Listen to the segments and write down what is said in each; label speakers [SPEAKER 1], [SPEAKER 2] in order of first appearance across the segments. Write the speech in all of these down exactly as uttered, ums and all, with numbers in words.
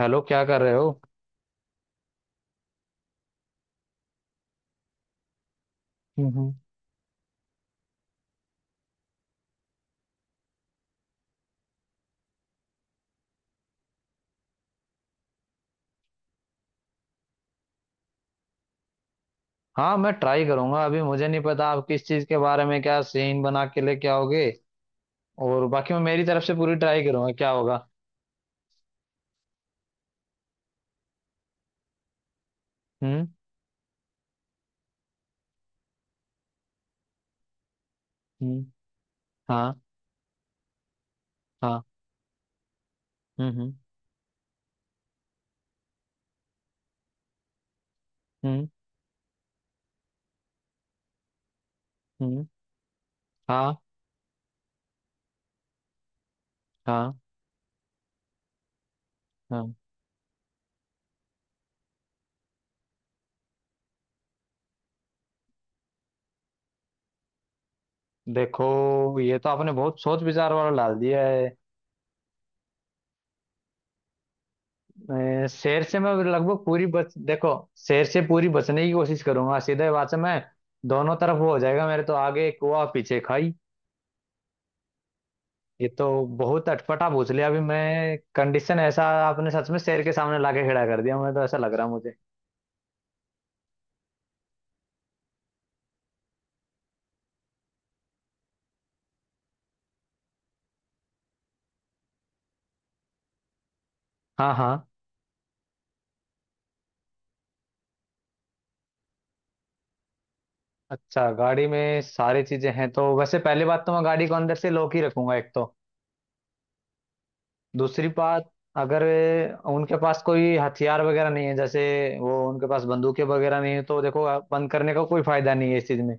[SPEAKER 1] Hello, क्या कर रहे हो? हम्म हम्म। हाँ, मैं ट्राई करूंगा, अभी मुझे नहीं पता आप किस चीज के बारे में क्या सीन बना के लेके आओगे। और बाकी मैं मेरी तरफ से पूरी ट्राई करूंगा, क्या होगा। हम्म हम्म। हाँ हाँ। हम्म हम्म हम्म हम्म। हाँ हाँ हाँ। देखो, ये तो आपने बहुत सोच विचार वाला डाल दिया है। अ, शेर से मैं लगभग पूरी बच, देखो। शेर से पूरी बचने की कोशिश करूंगा, सीधे बात से मैं। दोनों तरफ वो हो जाएगा मेरे, तो आगे कुआ पीछे खाई। ये तो बहुत अटपटा पूछ लिया अभी। मैं कंडीशन ऐसा आपने सच में शेर के सामने लाके खड़ा कर दिया, मैं तो ऐसा लग रहा मुझे। हाँ हाँ। अच्छा, गाड़ी में सारी चीजें हैं तो वैसे पहली बात तो मैं गाड़ी को अंदर से लॉक ही रखूंगा, एक तो। दूसरी बात, अगर उनके पास कोई हथियार वगैरह नहीं है, जैसे वो उनके पास बंदूकें वगैरह नहीं है, तो देखो, बंद करने का कोई फायदा नहीं है इस चीज में।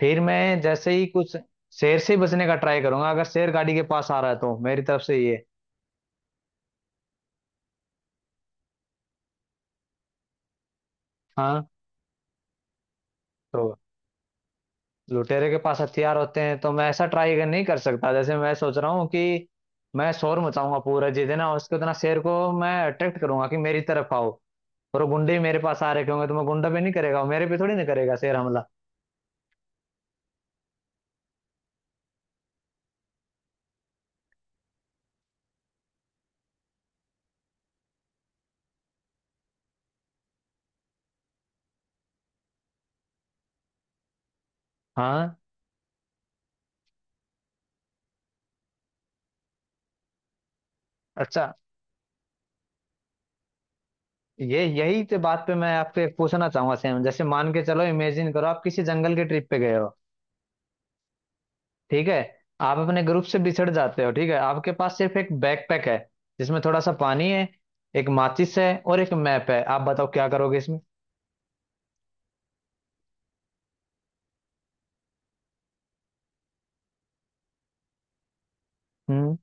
[SPEAKER 1] फिर मैं जैसे ही कुछ शेर से ही बचने का ट्राई करूंगा। अगर शेर गाड़ी के पास आ रहा है तो मेरी तरफ से ये। हाँ। तो लुटेरे के पास हथियार होते हैं तो मैं ऐसा ट्राई नहीं कर सकता। जैसे मैं सोच रहा हूँ कि मैं शोर मचाऊंगा पूरा, जितना हो सके उतना शेर को मैं अट्रैक्ट करूंगा कि मेरी तरफ आओ, और वो गुंडे ही मेरे पास आ रखे होंगे तो मैं गुंडा पे नहीं करेगा, वो मेरे पे थोड़ी ना करेगा शेर हमला। हाँ। अच्छा, ये यही तो बात पे मैं आपसे एक पूछना चाहूंगा। सेम, जैसे मान के चलो, इमेजिन करो आप किसी जंगल के ट्रिप पे गए हो। ठीक है, आप अपने ग्रुप से बिछड़ जाते हो। ठीक है, आपके पास सिर्फ एक बैकपैक है जिसमें थोड़ा सा पानी है, एक माचिस है और एक मैप है। आप बताओ क्या करोगे इसमें। हम्म।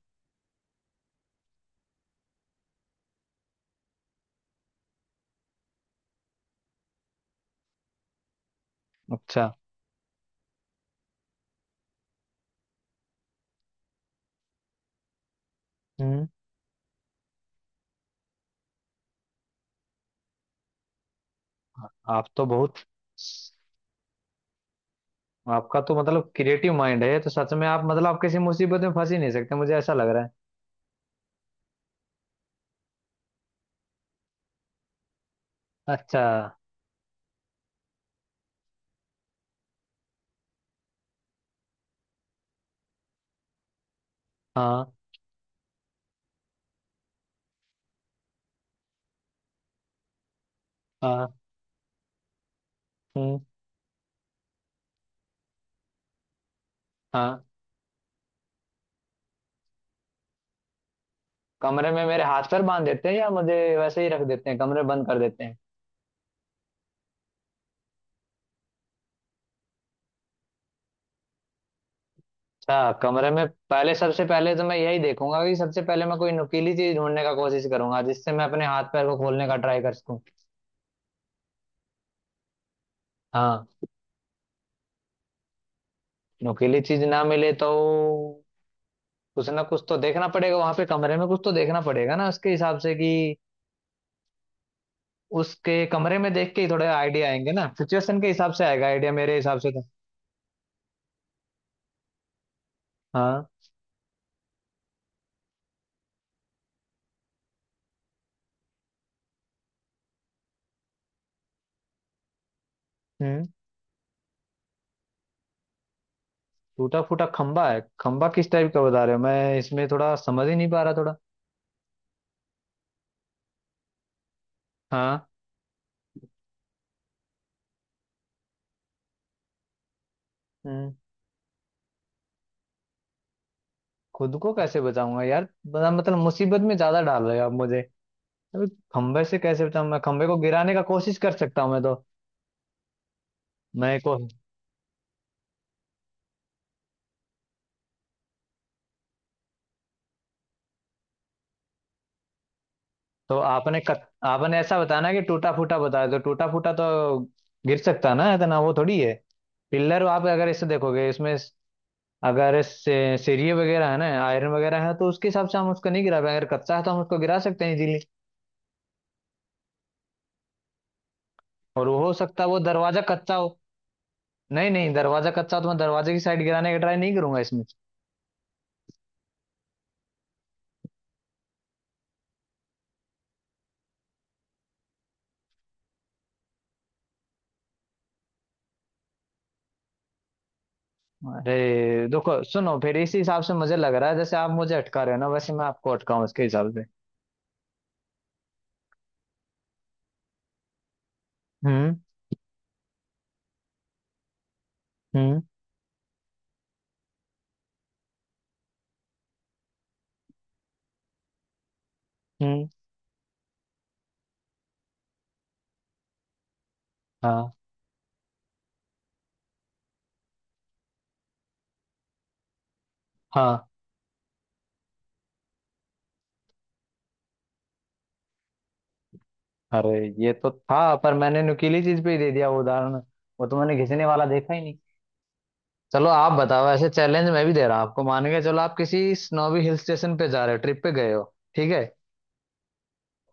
[SPEAKER 1] अच्छा। हम्म। आप तो बहुत। आपका तो मतलब क्रिएटिव माइंड है, तो सच में आप, मतलब आप किसी मुसीबत में फंस ही नहीं सकते, मुझे ऐसा लग रहा है। अच्छा। हाँ हाँ। हम्म। हाँ। कमरे में मेरे हाथ पर बांध देते हैं या मुझे वैसे ही रख देते हैं, कमरे बंद कर देते हैं? अच्छा, कमरे में पहले, सबसे पहले तो मैं यही देखूंगा कि सबसे पहले मैं कोई नुकीली चीज ढूंढने का कोशिश करूंगा, जिससे मैं अपने हाथ पैर को खोलने का ट्राई कर सकूं। हाँ। नुकीली चीज ना मिले तो कुछ ना कुछ तो देखना पड़ेगा वहां पे। कमरे में कुछ तो देखना पड़ेगा ना उसके हिसाब से, कि उसके कमरे में देख के ही थोड़े आइडिया आएंगे ना, सिचुएशन के हिसाब से आएगा आइडिया मेरे हिसाब से तो। हाँ। हम्म। टूटा फूटा खंबा है, खंबा किस टाइप का बता रहे हो? मैं इसमें थोड़ा समझ ही नहीं पा रहा थोड़ा। हाँ। हम्म। खुद को कैसे बचाऊंगा यार, बड़ा मतलब मुसीबत में ज्यादा डाल रहे हो आप मुझे। अबे, खंबे से कैसे बचाऊं? मैं खंबे को गिराने का कोशिश कर सकता हूँ मैं तो। मैं को तो आपने कत, आपने ऐसा बताना कि टूटा फूटा बताया, तो टूटा फूटा तो गिर सकता ना, इतना वो थोड़ी है पिलर। आप अगर इसे देखोगे, इसमें स- अगर से, सीढ़ी वगैरह है ना, आयरन वगैरह है, तो उसके हिसाब से हम उसको नहीं गिरा पाएंगे। अगर कच्चा है तो हम उसको गिरा सकते हैं इजीली। और वो हो सकता है वो दरवाजा कच्चा हो। नहीं नहीं, दरवाजा कच्चा हो तो मैं दरवाजे की साइड गिराने का ट्राई नहीं करूंगा इसमें। अरे देखो, सुनो, फिर इसी हिसाब से मुझे लग रहा है, जैसे आप मुझे अटका रहे हो ना, वैसे मैं आपको अटकाऊं इसके हिसाब से। हम्म हम्म हम्म। हाँ हाँ। अरे, ये तो था पर मैंने नुकीली चीज पे ही दे दिया वो उदाहरण। वो तो मैंने घिसने वाला देखा ही नहीं। चलो, आप बताओ, ऐसे चैलेंज मैं भी दे रहा हूं आपको। मान के चलो आप किसी स्नोवी हिल स्टेशन पे जा रहे हो, ट्रिप पे गए हो। ठीक है,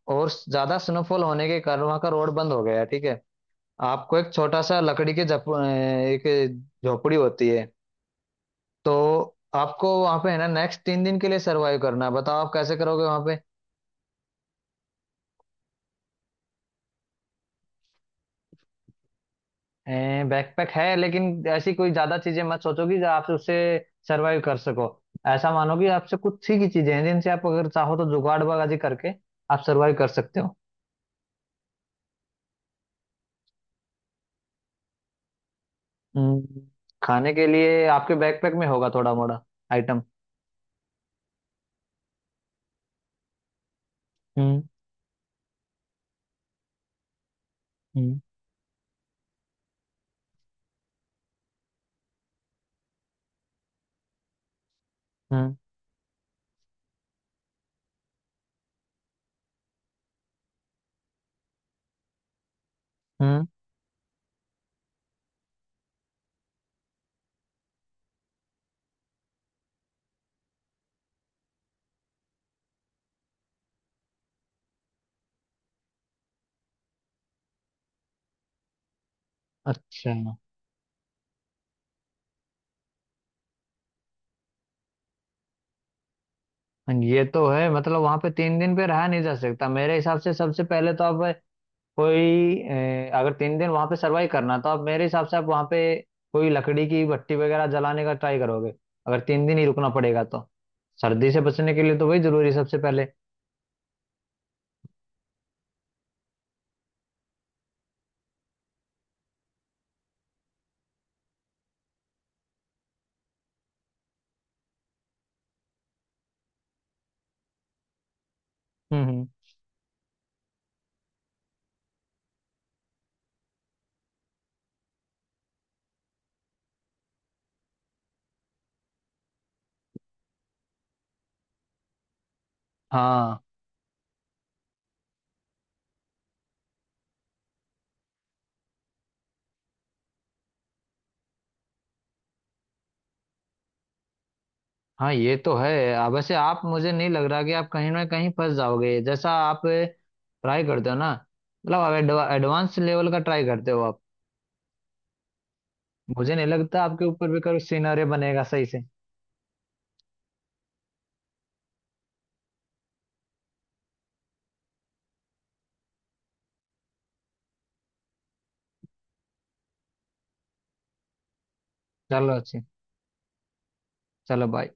[SPEAKER 1] और ज्यादा स्नोफॉल होने के कारण वहां का रोड बंद हो गया है, ठीक है। आपको एक छोटा सा लकड़ी के जप अ, एक झोपड़ी होती है तो, आपको वहां पे है ना, नेक्स्ट तीन दिन के लिए सरवाइव करना है। बताओ आप कैसे करोगे वहां पे। बैकपैक है, लेकिन ऐसी कोई ज्यादा चीजें मत सोचो कि आप उससे सरवाइव कर सको। ऐसा मानो कि आपसे कुछ ही की चीजें हैं, जिनसे आप अगर चाहो तो जुगाड़ बाजी करके आप सरवाइव कर सकते हो। हम्म, खाने के लिए आपके बैकपैक में होगा थोड़ा मोड़ा आइटम। हम्म हम्म हम्म हम्म। अच्छा, ये तो है, मतलब वहां पे तीन दिन पे रहा नहीं जा सकता मेरे हिसाब से। सबसे पहले तो आप कोई, अ, अगर तीन दिन वहां पे सरवाइव करना, तो आप मेरे हिसाब से, आप वहां पे कोई लकड़ी की भट्टी वगैरह जलाने का ट्राई करोगे। अगर तीन दिन ही रुकना पड़ेगा तो सर्दी से बचने के लिए तो वही जरूरी है सबसे पहले। हम्म हम्म। हाँ हाँ। ये तो है। आ, वैसे आप, मुझे नहीं लग रहा कि आप कहीं ना कहीं फंस जाओगे, जैसा आप ट्राई करते हो ना। मतलब आप एडवा, एडवांस लेवल का ट्राई करते हो आप। मुझे नहीं लगता आपके ऊपर भी कोई सिनेरियो बनेगा सही से। चलो अच्छी। चलो, बाय।